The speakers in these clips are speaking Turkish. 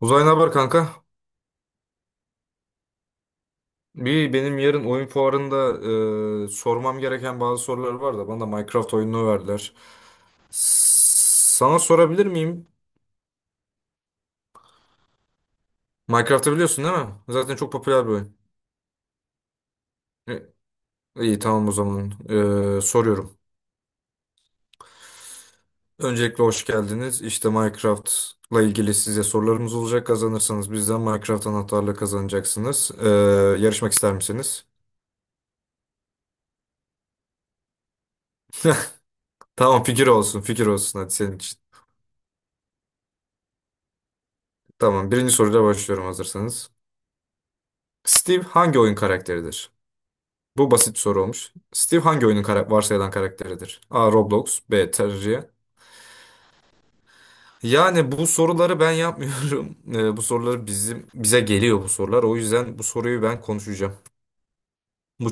Uzay ne haber kanka? Bir benim yarın oyun fuarında sormam gereken bazı sorular var da bana da Minecraft oyununu verdiler. Sana sorabilir miyim? Minecraft'ı biliyorsun değil mi? Zaten çok popüler bir oyun. E, İyi, tamam o zaman. Soruyorum. Öncelikle hoş geldiniz. İşte Minecraft'la ilgili size sorularımız olacak. Kazanırsanız bizden Minecraft anahtarlığı kazanacaksınız. Yarışmak ister misiniz? Tamam, fikir olsun fikir olsun, hadi senin için. Tamam, birinci soruyla başlıyorum hazırsanız. Steve hangi oyun karakteridir? Bu basit bir soru olmuş. Steve hangi oyunun varsayılan karakteridir? A. Roblox. B. Terraria. Yani bu soruları ben yapmıyorum. Bu soruları bizim bize geliyor bu sorular. O yüzden bu soruyu ben konuşacağım. Bu,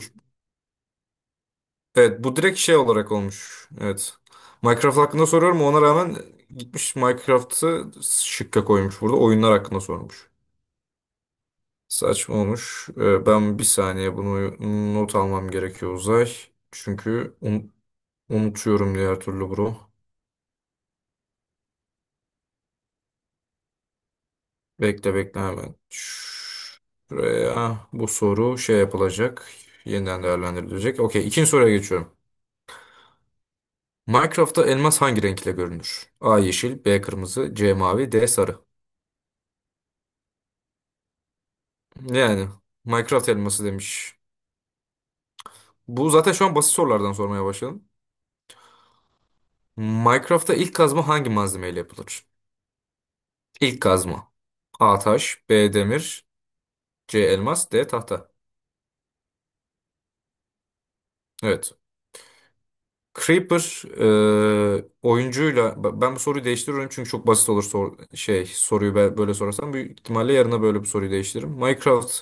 evet bu direkt şey olarak olmuş. Evet. Minecraft hakkında soruyorum. Ona rağmen gitmiş Minecraft'ı şıkka koymuş burada. Oyunlar hakkında sormuş. Saçma olmuş. Ben bir saniye bunu not almam gerekiyor Uzay. Çünkü unutuyorum diğer türlü bro. Bekle bekle hemen. Şuraya bu soru şey yapılacak. Yeniden değerlendirilecek. Okey, ikinci soruya geçiyorum. Minecraft'ta elmas hangi renkle görünür? A yeşil, B kırmızı, C mavi, D sarı. Yani Minecraft elması demiş. Bu zaten şu an basit sorulardan sormaya başladım. Minecraft'ta ilk kazma hangi malzemeyle yapılır? İlk kazma. A taş, B demir, C elmas, D tahta. Evet. Creeper oyuncuyla ben bu soruyu değiştiriyorum çünkü çok basit olur şey soruyu ben böyle sorarsam büyük ihtimalle yarına böyle bir soruyu değiştiririm. Minecraft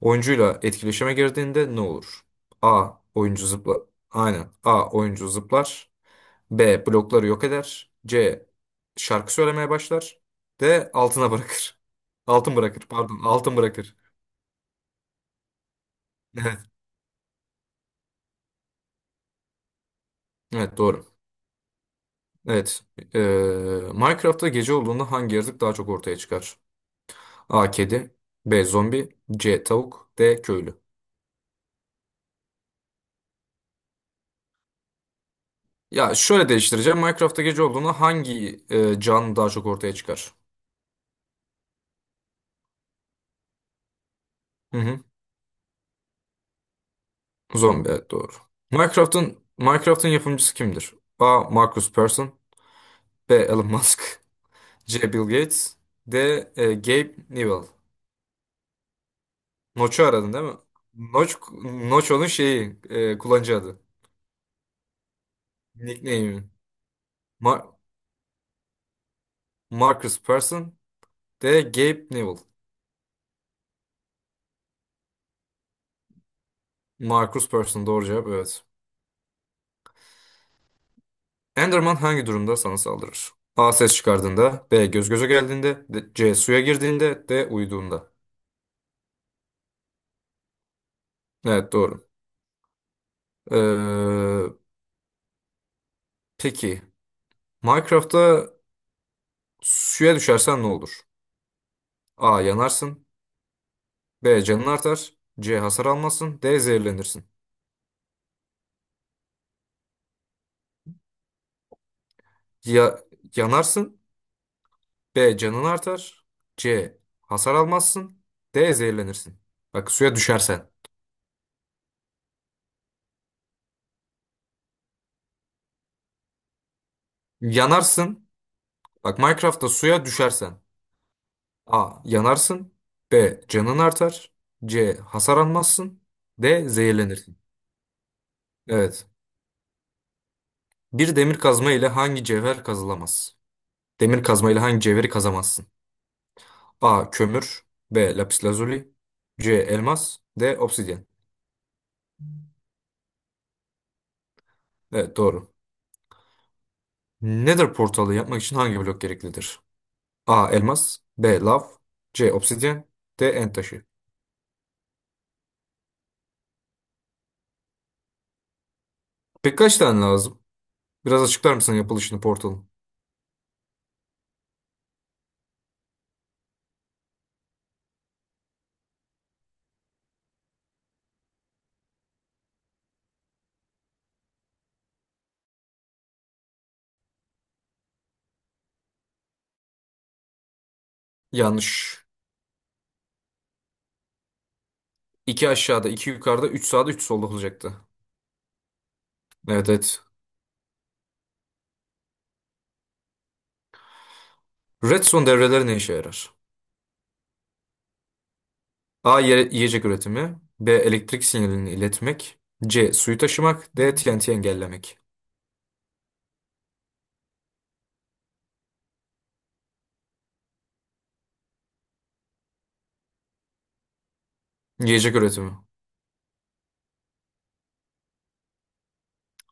oyuncuyla etkileşime girdiğinde ne olur? A. Oyuncu zıplar. Aynen. A. Oyuncu zıplar. B. Blokları yok eder. C. Şarkı söylemeye başlar. D. Altına bırakır. Altın bırakır. Pardon. Altın bırakır. Evet. Evet, doğru. Evet. E, Minecraft'ta gece olduğunda hangi yaratık daha çok ortaya çıkar? A. Kedi. B. Zombi. C. Tavuk. D. Köylü. Ya şöyle değiştireceğim. Minecraft'ta gece olduğunda hangi can daha çok ortaya çıkar? Hı hı. Zombi, evet doğru. Minecraft'ın yapımcısı kimdir? A. Marcus Persson. B. Elon Musk. C. Bill Gates. D. Gabe Newell. Notch'u aradın değil mi? Notch, Notch, onun şeyi, kullanıcı adı. Nickname'i. Ma- Marcus Persson. D. Gabe Newell. Marcus Persson doğru cevap, evet. Enderman hangi durumda sana saldırır? A. Ses çıkardığında. B. Göz göze geldiğinde. C. Suya girdiğinde. D. Uyuduğunda. Evet doğru. Ee, peki. Minecraft'ta suya düşersen ne olur? A. Yanarsın. B. Canın artar. C. Hasar almazsın. D. Zehirlenirsin. Ya yanarsın. B. Canın artar. C. Hasar almazsın. D. Zehirlenirsin. Bak, suya düşersen. Yanarsın. Bak, Minecraft'ta suya düşersen. A. Yanarsın. B. Canın artar. C. Hasar almazsın. D. Zehirlenirsin. Evet. Bir demir kazma ile hangi cevher kazılamaz? Demir kazma ile hangi cevheri kazamazsın? A. Kömür. B. Lapis lazuli. C. Elmas. D. Obsidyen. Evet doğru. Nether portalı yapmak için hangi blok gereklidir? A. Elmas. B. Lav. C. Obsidyen. D. End taşı. Peki kaç tane lazım? Biraz açıklar mısın yapılışını portalın? Yanlış. 2 aşağıda, 2 yukarıda, 3 sağda, 3 solda olacaktı. Evet, evet. Redstone devreleri ne işe yarar? A. Yiyecek üretimi. B. Elektrik sinyalini iletmek. C. Suyu taşımak. D. TNT engellemek. Yiyecek üretimi.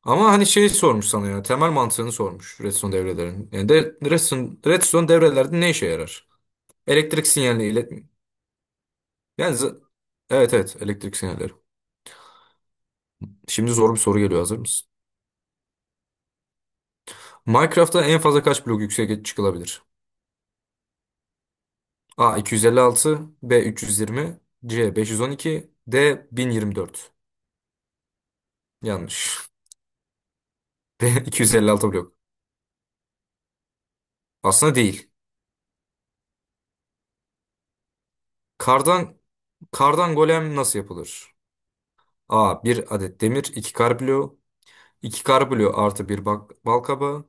Ama hani şeyi sormuş sana ya. Temel mantığını sormuş Redstone devrelerin. Yani de, Redstone devrelerde ne işe yarar? Elektrik sinyalini iletmek. Yani evet, evet, elektrik sinyalleri. Şimdi zor bir soru geliyor, hazır mısın? Minecraft'ta en fazla kaç blok yükseğe çıkılabilir? A. 256. B. 320, C. 512, D. 1024. Yanlış. De 256 blok. Aslında değil. Kardan kardan golem nasıl yapılır? A. Bir adet demir, 2 kar bloğu, 2 kar bloğu artı bir bal kabağı,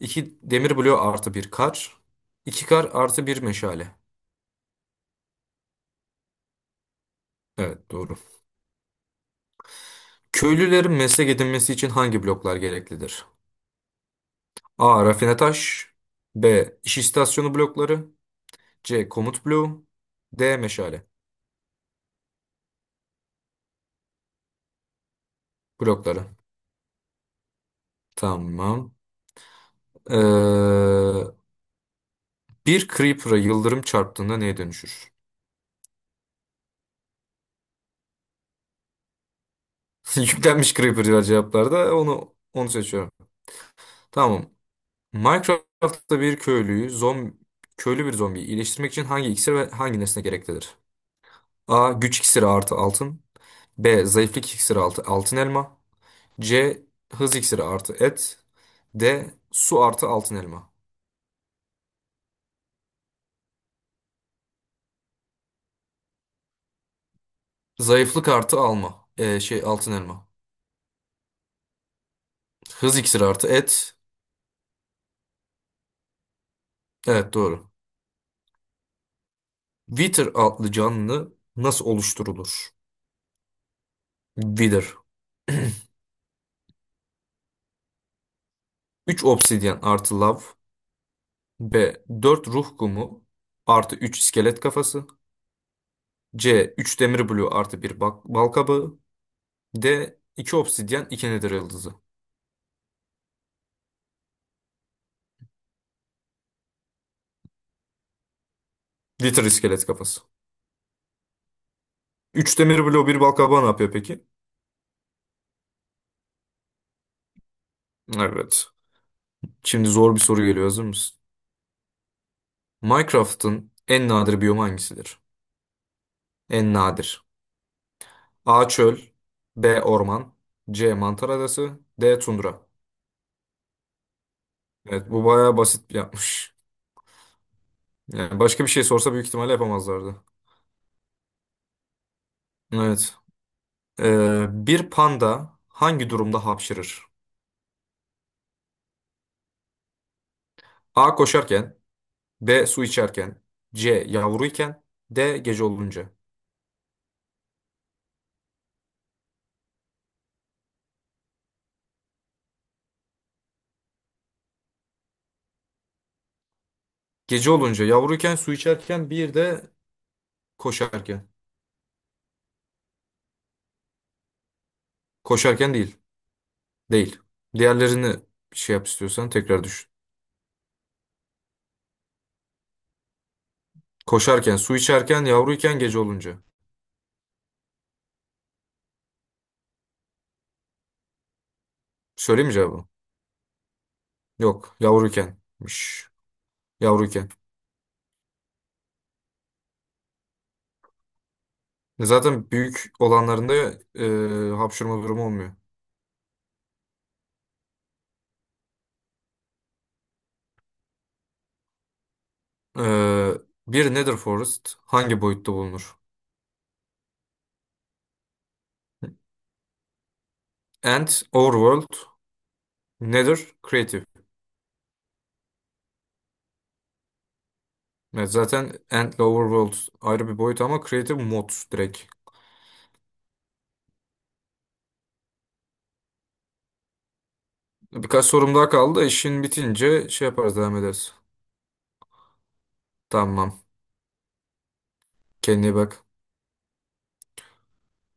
2 demir bloğu artı bir kar, 2 kar artı bir meşale. Evet doğru. Köylülerin meslek edinmesi için hangi bloklar gereklidir? A. Rafine taş, B. İş istasyonu blokları, C. Komut bloğu, D. Meşale blokları. Tamam. Ee, bir Creeper'a yıldırım çarptığında neye dönüşür? Yüklenmiş Creeper var cevaplarda. Onu seçiyorum. Tamam. Minecraft'ta bir köylüyü zombi köylü bir zombiyi iyileştirmek için hangi iksir ve hangi nesne gereklidir? A. Güç iksiri artı altın. B. Zayıflık iksiri artı altın elma. C. Hız iksiri artı et. D. Su artı altın elma. Zayıflık artı alma. Altın elma. Hız iksiri artı et. Evet doğru. Wither adlı canlı nasıl oluşturulur? Wither. 3 obsidyen artı lav. B. 4 ruh kumu artı 3 iskelet kafası. C. üç demir bloğu artı bir bal kabağı. D. 2 obsidyen 2 nedir yıldızı. Litter iskelet kafası. 3 demir bloğu bir bal kabağı ne yapıyor peki? Evet. Şimdi zor bir soru geliyor, hazır mısın? Minecraft'ın en nadir biyomu hangisidir? En nadir. A. Çöl. B. Orman. C. Mantar adası. D. Tundra. Evet, bu bayağı basit yapmış. Yani başka bir şey sorsa büyük ihtimalle yapamazlardı. Evet. Bir panda hangi durumda hapşırır? A. Koşarken. B. Su içerken. C. Yavruyken. D. Gece olunca. Gece olunca, yavruyken, su içerken bir de koşarken. Koşarken değil. Değil. Diğerlerini şey yap, istiyorsan tekrar düşün. Koşarken, su içerken, yavruyken, gece olunca. Söyleyeyim mi cevabı? Yok. Yavruykenmiş. Yavruyken. Zaten büyük olanlarında hapşırma durumu olmuyor. Ee, bir Nether Forest hangi boyutta bulunur? Ant, Overworld, Nether, Creative. Evet, zaten Ant ile Overworld ayrı bir boyut, ama Creative mod direkt. Birkaç sorum daha kaldı. İşin bitince şey yaparız, devam ederiz. Tamam. Kendine iyi bak.